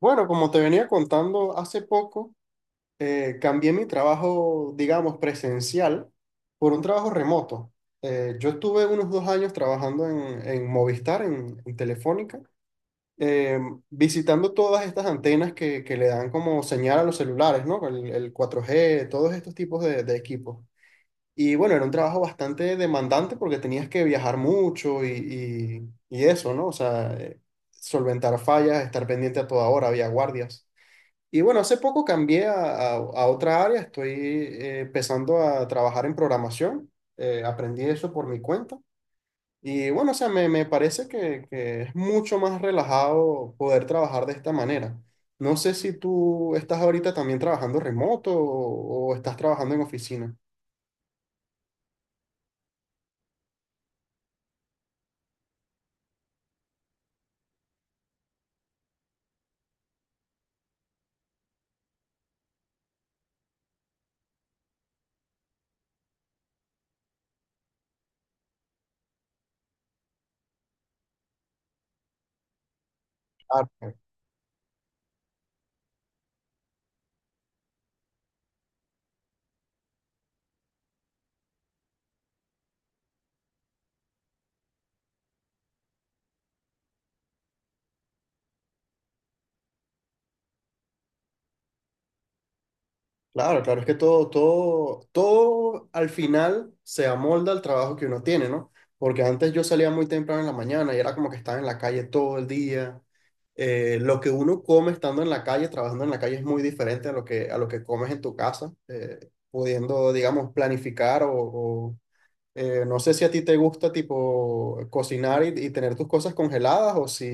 Bueno, como te venía contando hace poco, cambié mi trabajo, digamos, presencial por un trabajo remoto. Yo estuve unos 2 años trabajando en Movistar, en Telefónica, eh, visitando todas estas antenas que le dan como señal a los celulares, ¿no? El 4G, todos estos tipos de equipos. Y bueno, era un trabajo bastante demandante porque tenías que viajar mucho y eso, ¿no? O sea, solventar fallas, estar pendiente a toda hora, había guardias. Y bueno, hace poco cambié a otra área, estoy empezando a trabajar en programación. Aprendí eso por mi cuenta. Y bueno, o sea, me parece que es mucho más relajado poder trabajar de esta manera. No sé si tú estás ahorita también trabajando remoto o estás trabajando en oficina. Claro, claro, claro, es que todo al final se amolda al trabajo que uno tiene, ¿no? Porque antes yo salía muy temprano en la mañana y era como que estaba en la calle todo el día. Lo que uno come estando en la calle, trabajando en la calle, es muy diferente a lo que comes en tu casa, pudiendo, digamos, planificar o, no sé si a ti te gusta tipo cocinar y tener tus cosas congeladas o si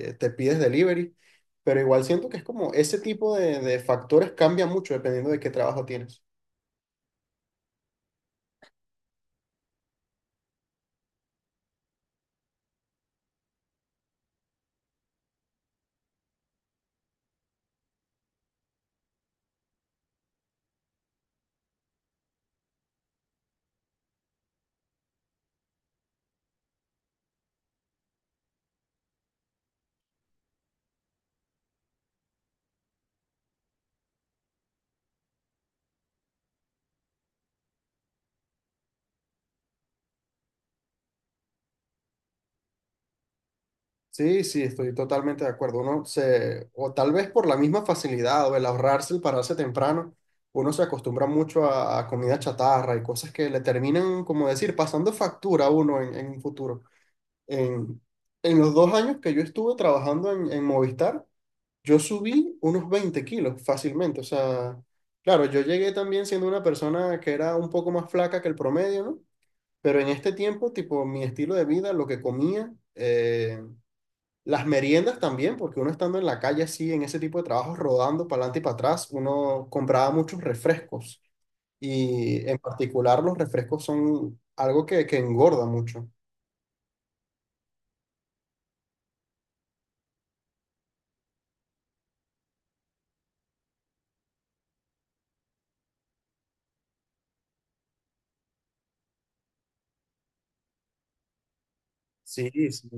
te pides delivery, pero igual siento que es como ese tipo de factores cambia mucho dependiendo de qué trabajo tienes. Sí, sí, estoy totalmente de acuerdo. Uno se, o tal vez por la misma facilidad o el ahorrarse, el pararse temprano, uno se acostumbra mucho a comida chatarra y cosas que le terminan, como decir, pasando factura a uno en un futuro. En, en los 2 años que yo estuve trabajando en Movistar, yo subí unos 20 kilos fácilmente. O sea, claro, yo llegué también siendo una persona que era un poco más flaca que el promedio, ¿no? Pero en este tiempo, tipo, mi estilo de vida, lo que comía, las meriendas también, porque uno estando en la calle así, en ese tipo de trabajos, rodando para adelante y para atrás, uno compraba muchos refrescos. Y en particular los refrescos son algo que engorda mucho. Sí, sí.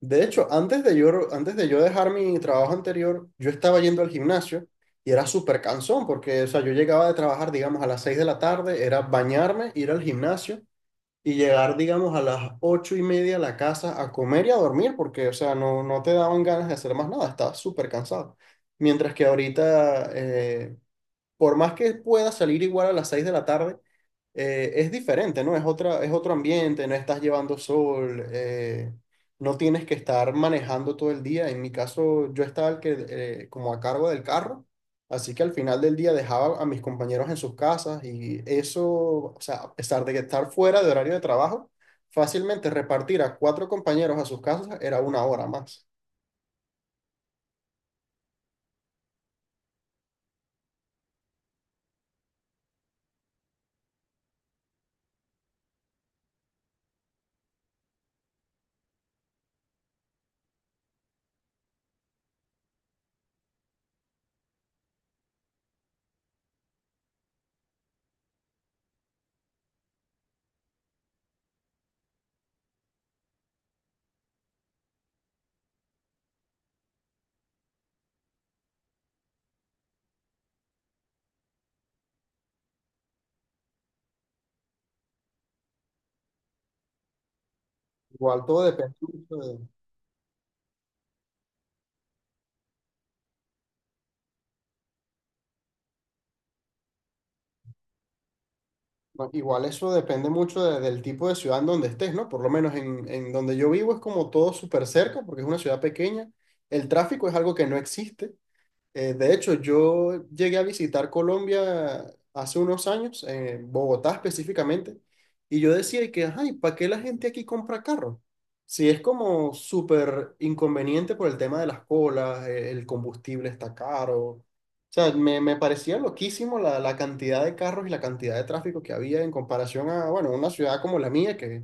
De hecho, antes de yo dejar mi trabajo anterior, yo estaba yendo al gimnasio y era súper cansón porque, o sea, yo llegaba de trabajar, digamos, a las 6 de la tarde, era bañarme, ir al gimnasio y llegar, digamos, a las 8 y media a la casa a comer y a dormir, porque, o sea, no, no te daban ganas de hacer más nada, estabas súper cansado. Mientras que ahorita, por más que pueda salir igual a las 6 de la tarde, es diferente, ¿no? Es otra, es otro ambiente, no estás llevando sol, no tienes que estar manejando todo el día. En mi caso, yo estaba el que, como a cargo del carro, así que al final del día dejaba a mis compañeros en sus casas y eso, o sea, a pesar de que estar fuera de horario de trabajo, fácilmente repartir a 4 compañeros a sus casas era una hora más. Igual todo depende. No, igual eso depende mucho del tipo de ciudad en donde estés, ¿no? Por lo menos en donde yo vivo es como todo súper cerca, porque es una ciudad pequeña. El tráfico es algo que no existe. De hecho, yo llegué a visitar Colombia hace unos años, en Bogotá específicamente, y yo decía que, ay, ¿para qué la gente aquí compra carro? Si es como súper inconveniente por el tema de las colas, el combustible está caro. O sea, me parecía loquísimo la cantidad de carros y la cantidad de tráfico que había en comparación a, bueno, una ciudad como la mía,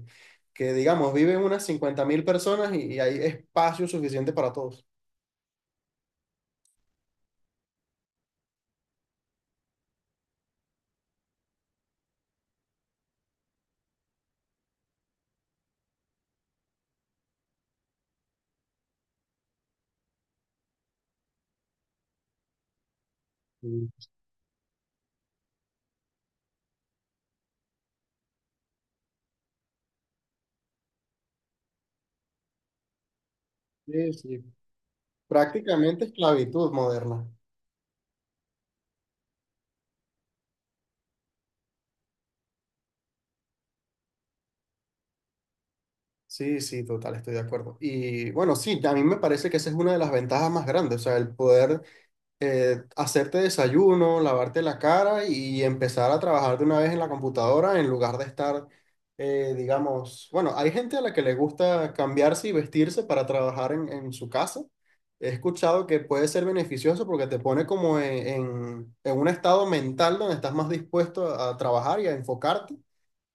que digamos, viven unas 50.000 personas y hay espacio suficiente para todos. Sí, sí, sí. Prácticamente esclavitud moderna. Sí, sí, total, estoy de acuerdo. Y bueno, sí, a mí me parece que esa es una de las ventajas más grandes, o sea, el poder hacerte desayuno, lavarte la cara y empezar a trabajar de una vez en la computadora en lugar de estar, digamos, bueno, hay gente a la que le gusta cambiarse y vestirse para trabajar en su casa. He escuchado que puede ser beneficioso porque te pone como en, en un estado mental donde estás más dispuesto a trabajar y a enfocarte.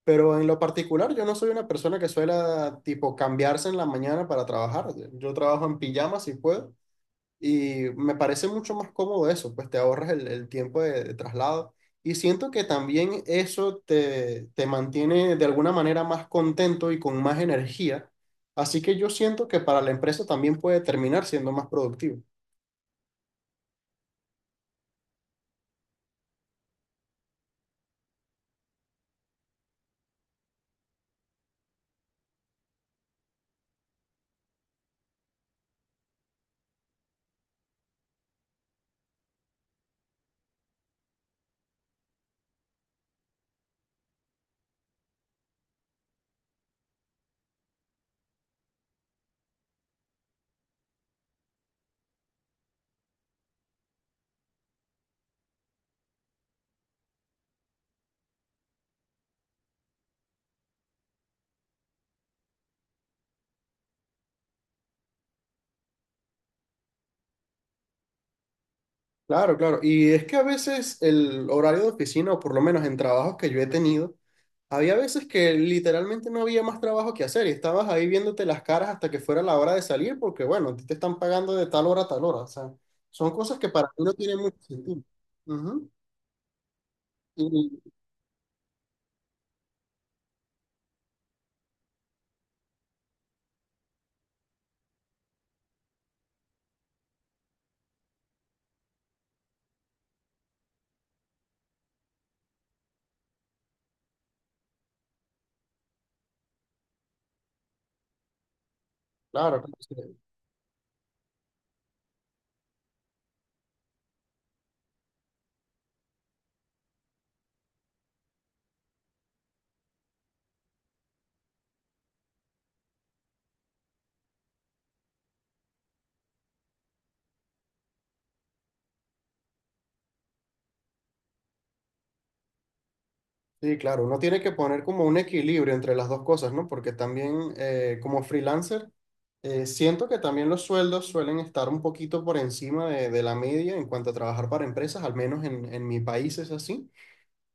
Pero en lo particular, yo no soy una persona que suela tipo cambiarse en la mañana para trabajar. Yo trabajo en pijama si puedo y me parece mucho más cómodo eso, pues te ahorras el tiempo de traslado. Y siento que también eso te, te mantiene de alguna manera más contento y con más energía. Así que yo siento que para la empresa también puede terminar siendo más productivo. Claro, claro. Y es que a veces el horario de oficina, o por lo menos en trabajos que yo he tenido, había veces que literalmente no había más trabajo que hacer y estabas ahí viéndote las caras hasta que fuera la hora de salir porque, bueno, a ti te están pagando de tal hora a tal hora. O sea, son cosas que para mí no tienen mucho sentido. Ujú. Y claro, claro, sí, sí, claro, uno tiene que poner como un equilibrio entre las dos cosas, ¿no? Porque también como freelancer, siento que también los sueldos suelen estar un poquito por encima de la media en cuanto a trabajar para empresas, al menos en mi país es así.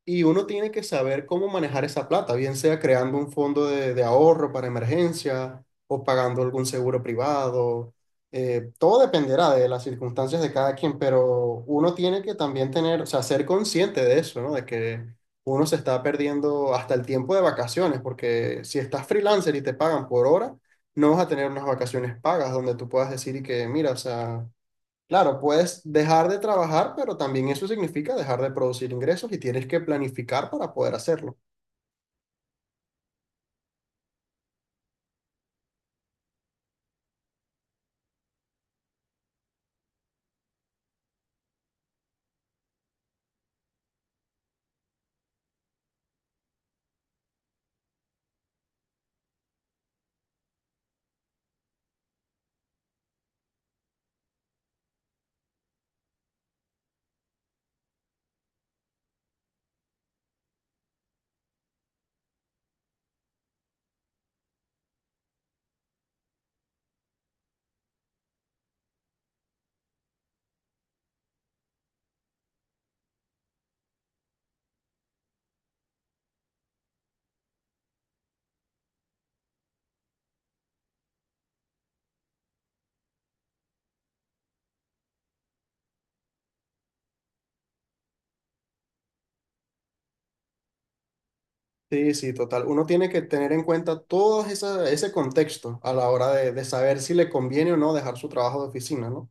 Y uno tiene que saber cómo manejar esa plata, bien sea creando un fondo de ahorro para emergencia o pagando algún seguro privado. Todo dependerá de las circunstancias de cada quien, pero uno tiene que también tener, o sea, ser consciente de eso, ¿no? De que uno se está perdiendo hasta el tiempo de vacaciones, porque si estás freelancer y te pagan por hora, no vas a tener unas vacaciones pagas donde tú puedas decir y que, mira, o sea, claro, puedes dejar de trabajar, pero también eso significa dejar de producir ingresos y tienes que planificar para poder hacerlo. Sí, sí, total. Uno tiene que tener en cuenta ese contexto a la hora de saber si le conviene o no dejar su trabajo de oficina, ¿no?